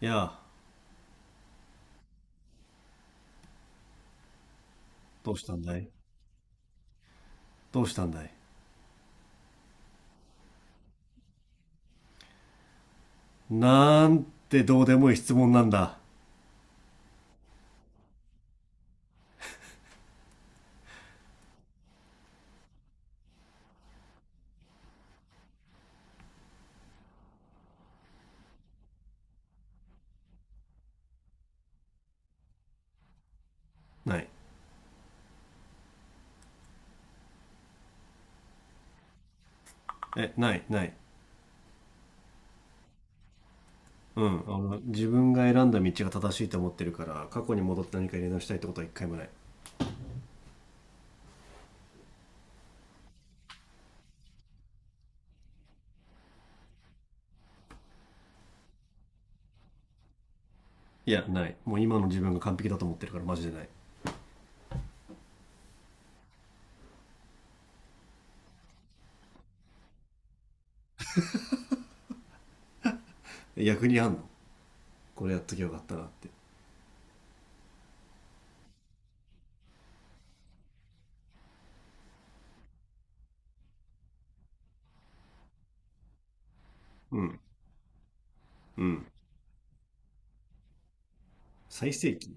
いやあ、どうしたんだい？どうしたんだい、なんてどうでもいい質問なんだ。ない。え、ない、ない。うん。あの、自分が選んだ道が正しいと思ってるから、過去に戻って何かやり直したいってことは一回もない。いや、ない。もう今の自分が完璧だと思ってるから、マジでない。逆にあんの？これやっときゃよかったなって。うん、うん。最盛期？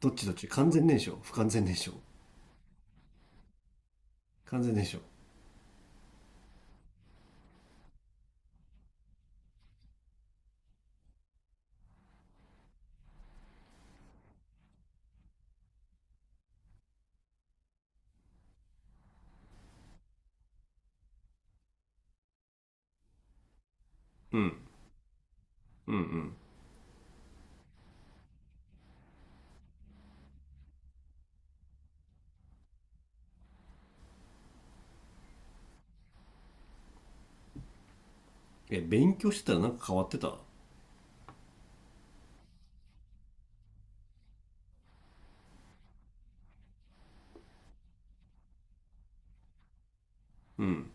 どっちどっち？完全燃焼？不完全燃焼？完全燃焼。うん、うん、うん。え、勉強してたらなんか変わってた？うん、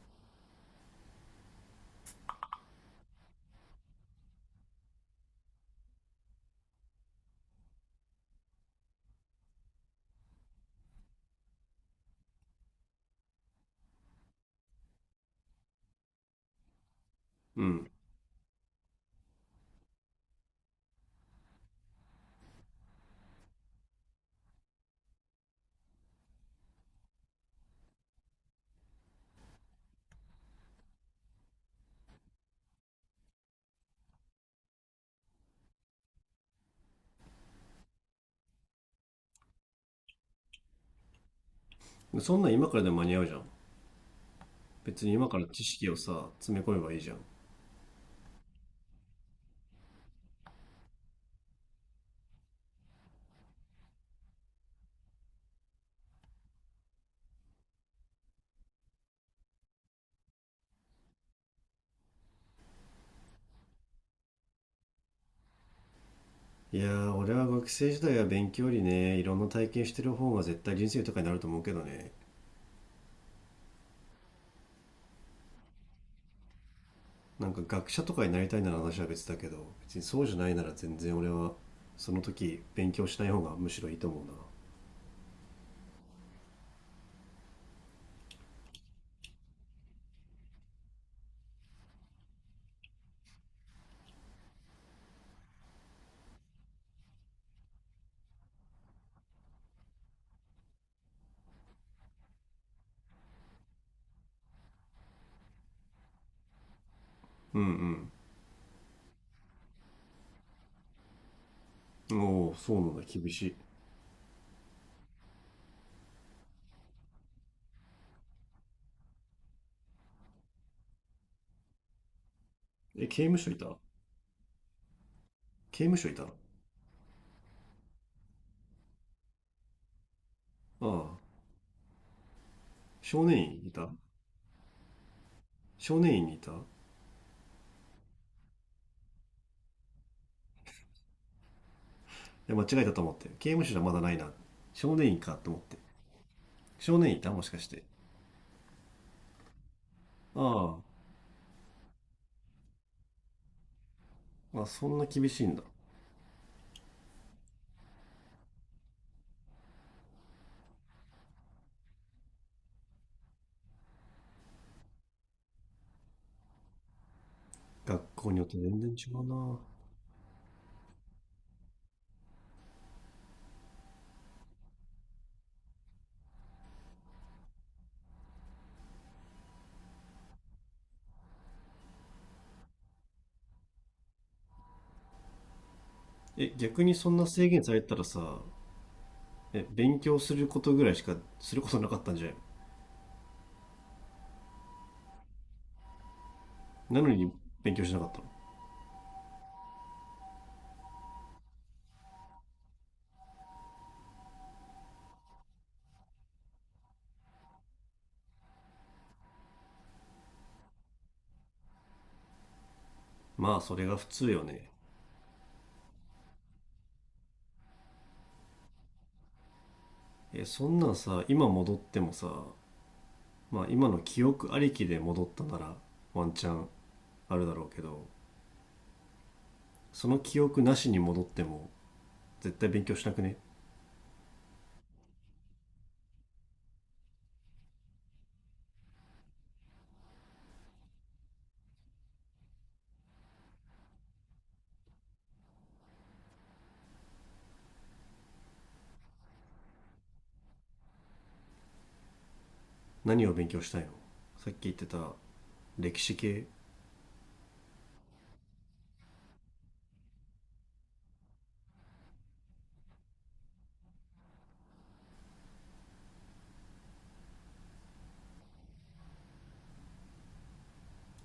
うん。そんなん今からでも間に合うじゃん。別に今から知識をさ、詰め込めばいいじゃん。いやー、俺は学生時代は勉強よりね、いろんな体験してる方が絶対人生豊かになると思うけどね。なんか学者とかになりたいなら話は別だけど、別にそうじゃないなら全然俺は、その時勉強しない方がむしろいいと思うな。うん、うん。おお、そうなんだ、厳しい。え、刑務所いた？刑務所いた？ああ、少年院いた？少年院にいた？いや、間違えたと思って。刑務所じゃまだないな。少年院かと思って。少年院いたもしかして。ああ、あ、そんな厳しいんだ。学校によって全然違うな。え、逆にそんな制限されたらさ、え、勉強することぐらいしかすることなかったんじゃない？なのに勉強しなかったの？まあ、それが普通よね。え、そんなんさ、今戻ってもさ、まあ、今の記憶ありきで戻ったなら、ワンチャンあるだろうけど、その記憶なしに戻っても、絶対勉強しなくね？何を勉強したいの？さっき言ってた、歴史系？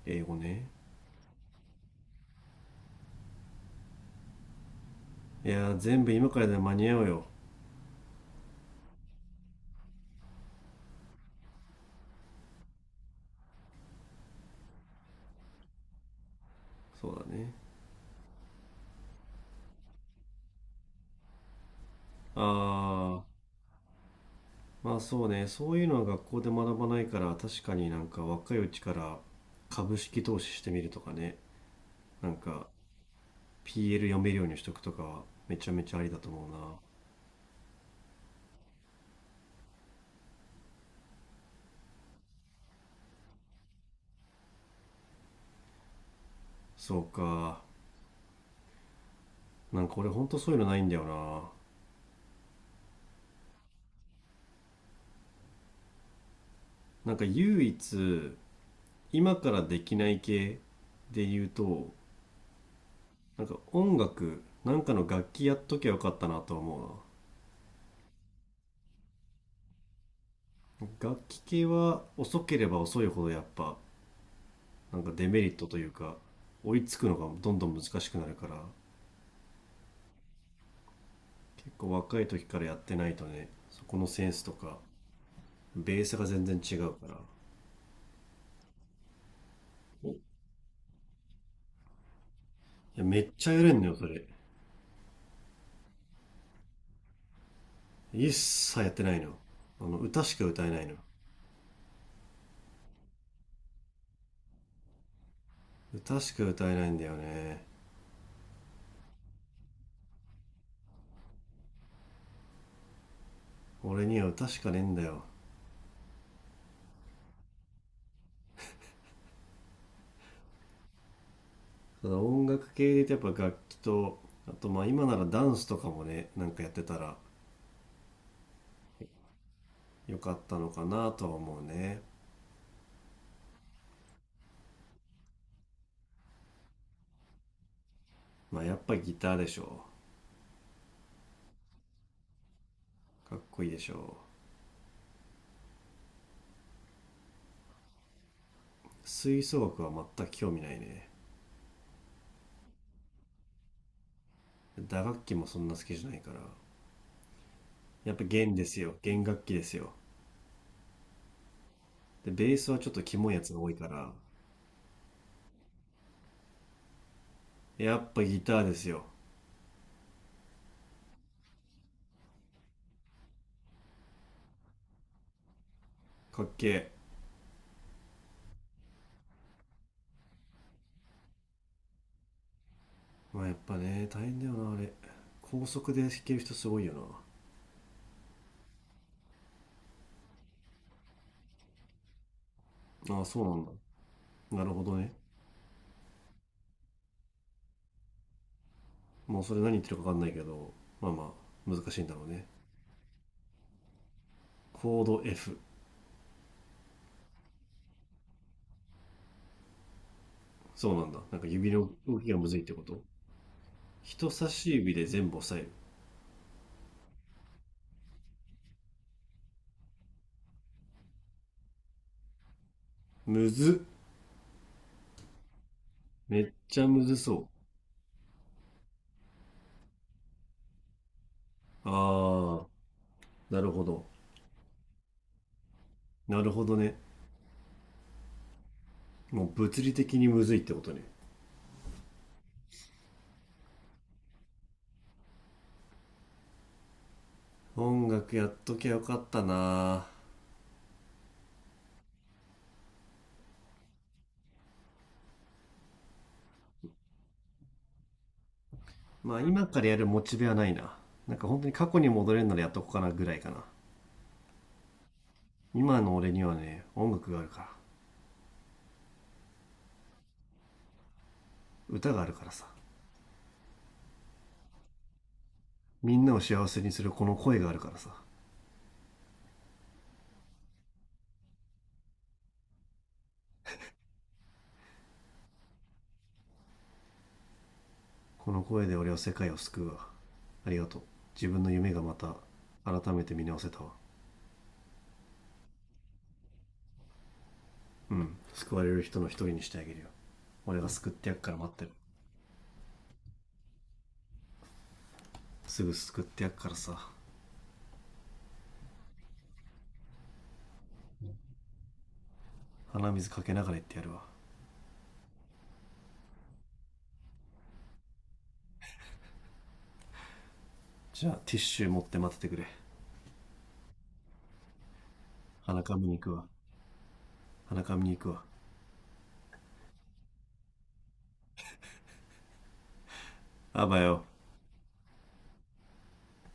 英語ね。いやー、全部今からでは間に合うよ。そうだね。ああ、まあそうね。そういうのは学校で学ばないから、確かになんか若いうちから株式投資してみるとかね。なんか PL 読めるようにしとくとかはめちゃめちゃありだと思うな。そうか。なんか俺ほんとそういうのないんだよな。なんか唯一今からできない系で言うと、なんか音楽、なんかの楽器やっときゃよかったなとは思うな。楽器系は遅ければ遅いほどやっぱなんかデメリットというか、追いつくのがどんどん難しくなるから、結構若い時からやってないとね、そこのセンスとかベースが全然違うからい、やめっちゃやれんのよそれ。一切やってないの？あの、歌しか歌えないの？歌しか歌えないんだよね。俺には歌しかねえんだよ。ただ音楽系で言うとやっぱ楽器と、あとまあ今ならダンスとかもね、なんかやってたらよかったのかなとは思うね。まあやっぱりギターでしょ。かっこいいでしょ。吹奏楽は全く興味ないね。打楽器もそんな好きじゃないから。やっぱ弦ですよ。弦楽器ですよ。で、ベースはちょっとキモいやつが多いから。やっぱギターですよ。かっけえ。まあやっぱね、大変だよな、あれ。高速で弾ける人すごいよな。ああ、そうなんだ。なるほどね。もうそれ何言ってるかわかんないけど、まあ、難しいんだろうね。コード F。そうなんだ。なんか指の動きがむずいってこと？人差し指で全部押さえる。むずっ。めっちゃむずそう。あ、なるほど。なるほどね。もう物理的にむずいってことね。音楽やっときゃよかったな。まあ今からやるモチベはないな。なんか本当に過去に戻れるならやっとこうかなぐらいかな。今の俺にはね、音楽があるから。歌があるからさ。みんなを幸せにするこの声があるからさ。この声で俺は世界を救うわ。ありがとう。自分の夢がまた改めて見直せたわ。うん。救われる人の一人にしてあげるよ。俺が救ってやっから待ってる。すぐ救ってやっからさ。鼻水かけながら行ってやるわ。じゃあティッシュ持って待っててくれ。鼻かみに行くわ。鼻かみに行くわ。あばよ。